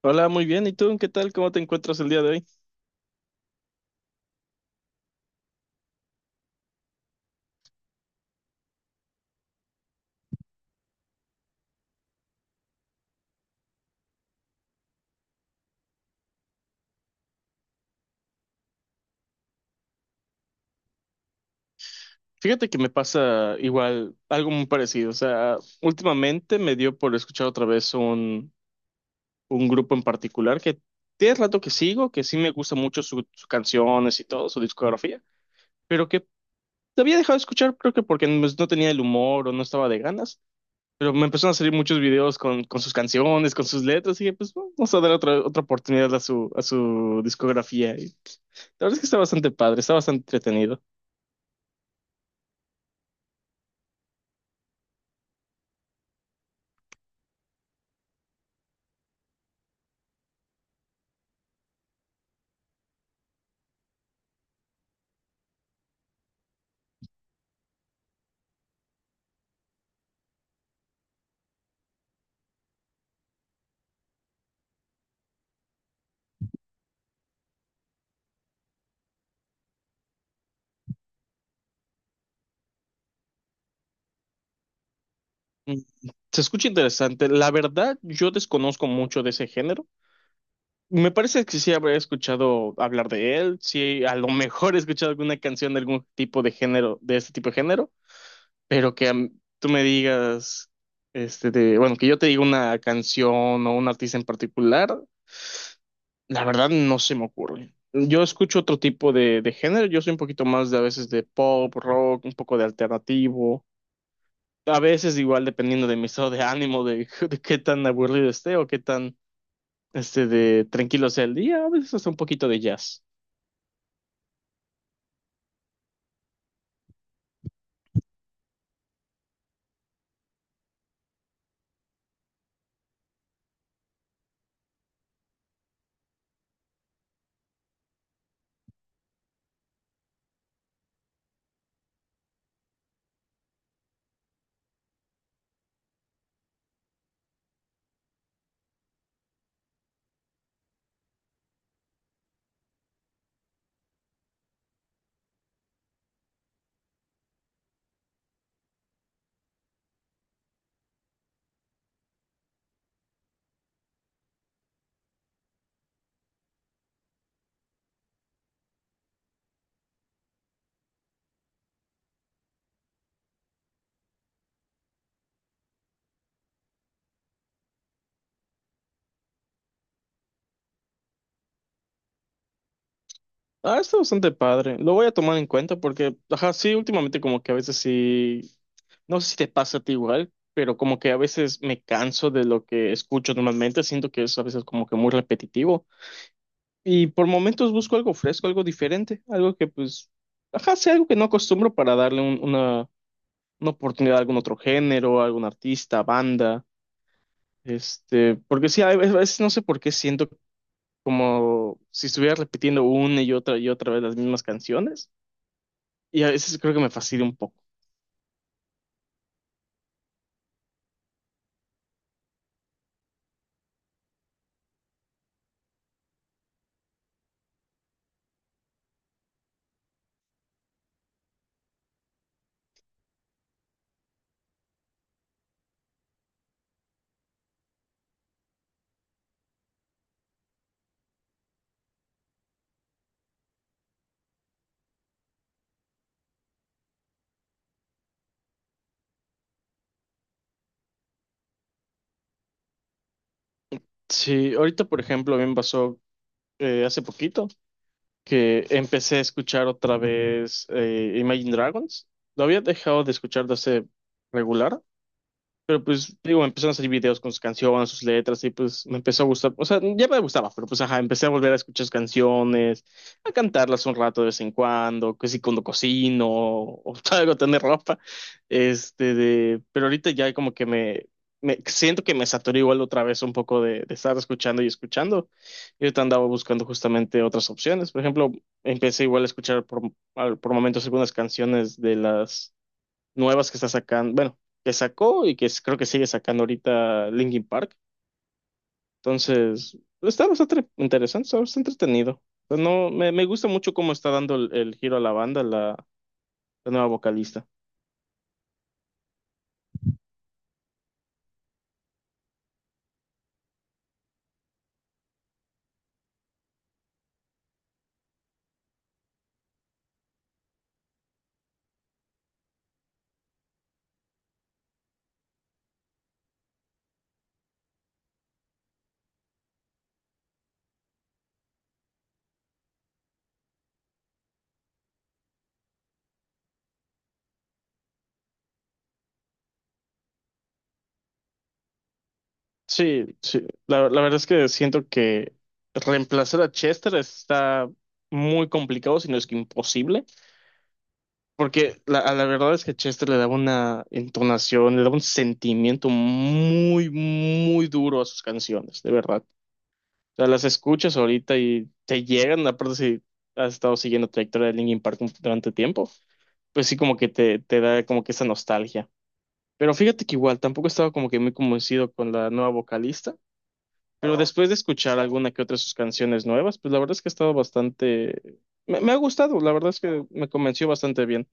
Hola, muy bien. ¿Y tú? ¿Qué tal? ¿Cómo te encuentras el día de hoy? Fíjate que me pasa igual algo muy parecido. O sea, últimamente me dio por escuchar otra vez un grupo en particular que tiene rato que sigo, que sí me gusta mucho sus canciones y todo, su discografía, pero que te había dejado de escuchar creo que porque no pues, no tenía el humor o no estaba de ganas, pero me empezaron a salir muchos videos con sus canciones, con sus letras y dije, pues bueno, vamos a dar otra oportunidad a a su discografía. Y la verdad es que está bastante padre, está bastante entretenido. Mm, se escucha interesante. La verdad, yo desconozco mucho de ese género. Me parece que sí habré escuchado hablar de él, sí, a lo mejor he escuchado alguna canción de algún tipo de género, de este tipo de género, pero tú me digas, bueno, que yo te diga una canción o un artista en particular, la verdad no se me ocurre. Yo escucho otro tipo de género, yo soy un poquito más de a veces de pop, rock, un poco de alternativo. A veces igual dependiendo de mi estado de ánimo, de qué tan aburrido esté o qué tan de tranquilo sea el día, a veces hasta un poquito de jazz. Ah, está bastante padre. Lo voy a tomar en cuenta porque, ajá, sí, últimamente como que a veces sí, no sé si te pasa a ti igual, pero como que a veces me canso de lo que escucho normalmente, siento que es a veces como que muy repetitivo y por momentos busco algo fresco, algo diferente, algo que pues, ajá, sea algo que no acostumbro para darle una oportunidad a algún otro género, a algún artista, banda, este, porque sí, a veces no sé por qué siento como si estuviera repitiendo una y otra vez las mismas canciones, y a veces creo que me fastidia un poco. Sí, ahorita, por ejemplo, a mí me pasó hace poquito que empecé a escuchar otra vez Imagine Dragons. Lo había dejado de escuchar de hace regular, pero pues, digo, empezaron a salir videos con sus canciones, sus letras, y pues me empezó a gustar. O sea, ya me gustaba, pero pues, ajá, empecé a volver a escuchar sus canciones, a cantarlas un rato de vez en cuando, que si cuando cocino, o algo, tener ropa. Pero ahorita ya como que me siento que me saturé igual otra vez un poco de estar escuchando y escuchando. Y ahorita andaba buscando justamente otras opciones. Por ejemplo, empecé igual a escuchar por momentos algunas canciones de las nuevas que está sacando, bueno, que sacó y creo que sigue sacando ahorita Linkin Park. Entonces, pues, está bastante interesante, está bastante entretenido. Pues no, me gusta mucho cómo está dando el giro a la banda la nueva vocalista. Sí, sí, la verdad es que siento que reemplazar a Chester está muy complicado, si no es que imposible, porque a la verdad es que Chester le daba una entonación, le daba un sentimiento muy, muy duro a sus canciones, de verdad. Sea, las escuchas ahorita y te llegan, aparte si has estado siguiendo trayectoria de Linkin Park durante tiempo, pues sí como que te da como que esa nostalgia. Pero fíjate que igual tampoco estaba como que muy convencido con la nueva vocalista, pero después de escuchar alguna que otra de sus canciones nuevas, pues la verdad es que ha estado bastante... Me ha gustado, la verdad es que me convenció bastante bien.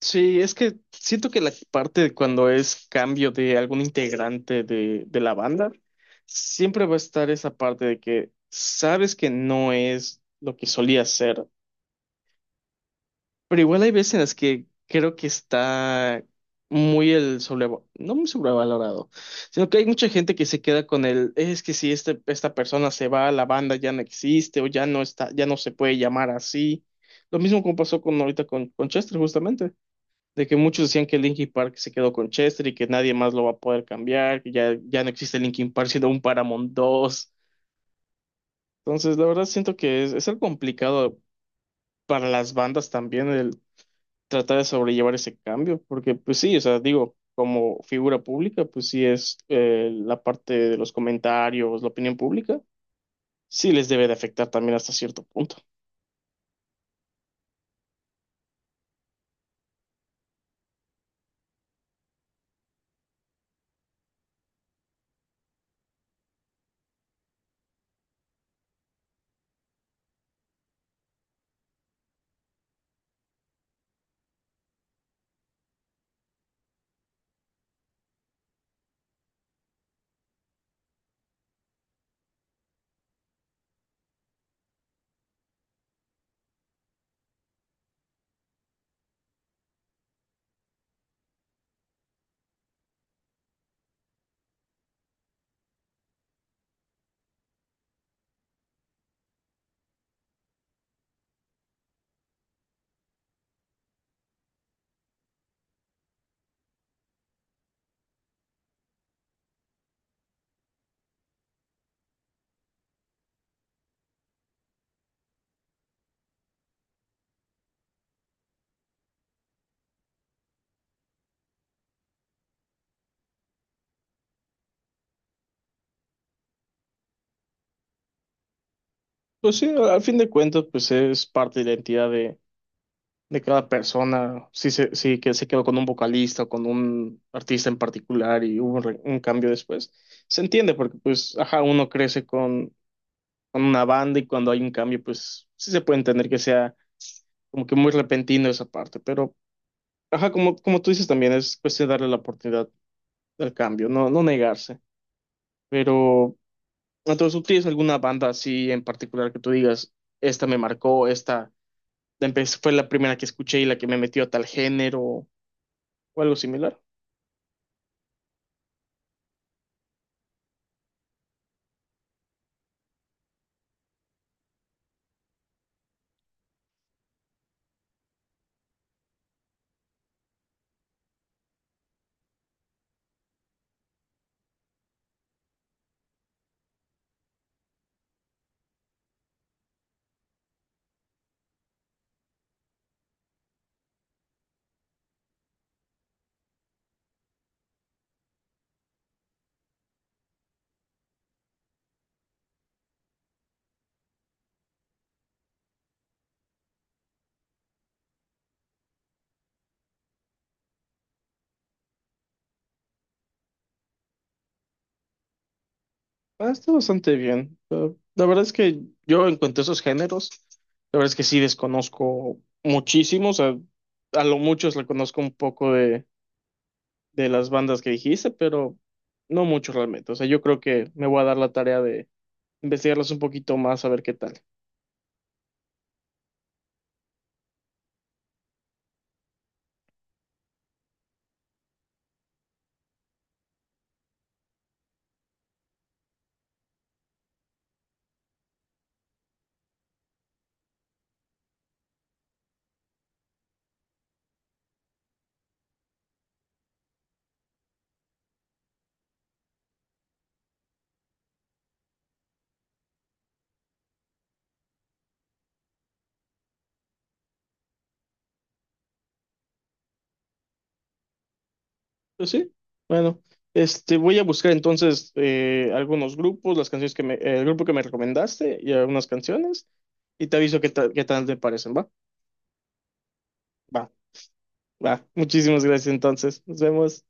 Sí, es que siento que la parte de cuando es cambio de algún integrante de la banda, siempre va a estar esa parte de que sabes que no es lo que solía ser, pero igual hay veces en las que creo que está muy el sobre, no muy sobrevalorado, sino que hay mucha gente que se queda con el, es que si esta persona se va, la banda ya no existe o ya no está, ya no se puede llamar así. Lo mismo como pasó con ahorita con Chester, justamente de que muchos decían que Linkin Park se quedó con Chester y que nadie más lo va a poder cambiar, que ya, ya no existe Linkin Park sino un Paramount dos. Entonces, la verdad siento que es algo complicado para las bandas también el tratar de sobrellevar ese cambio, porque pues sí, o sea, digo, como figura pública, pues sí es la parte de los comentarios, la opinión pública, sí les debe de afectar también hasta cierto punto. Pues sí, al fin de cuentas, pues es parte de la identidad de cada persona, si, si que se quedó con un vocalista o con un artista en particular y hubo un, un cambio después, se entiende porque pues, ajá, uno crece con una banda y cuando hay un cambio, pues sí se puede entender que sea como que muy repentino esa parte, pero ajá, como tú dices también, es cuestión de darle la oportunidad al cambio, no, no negarse, pero entonces tú tienes alguna banda así en particular que tú digas, esta me marcó, esta fue la primera que escuché y la que me metió a tal género o algo similar. Ah, está bastante bien. Ah, la verdad es que yo en cuanto a esos géneros, la verdad es que sí desconozco muchísimos. A lo mucho le conozco un poco de las bandas que dijiste, pero no mucho realmente. O sea, yo creo que me voy a dar la tarea de investigarlas un poquito más a ver qué tal. Pues sí, bueno, este, voy a buscar entonces algunos grupos, las canciones que me, el grupo que me recomendaste y algunas canciones, y te aviso qué tal te parecen, ¿va? Va, va. Muchísimas gracias entonces. Nos vemos.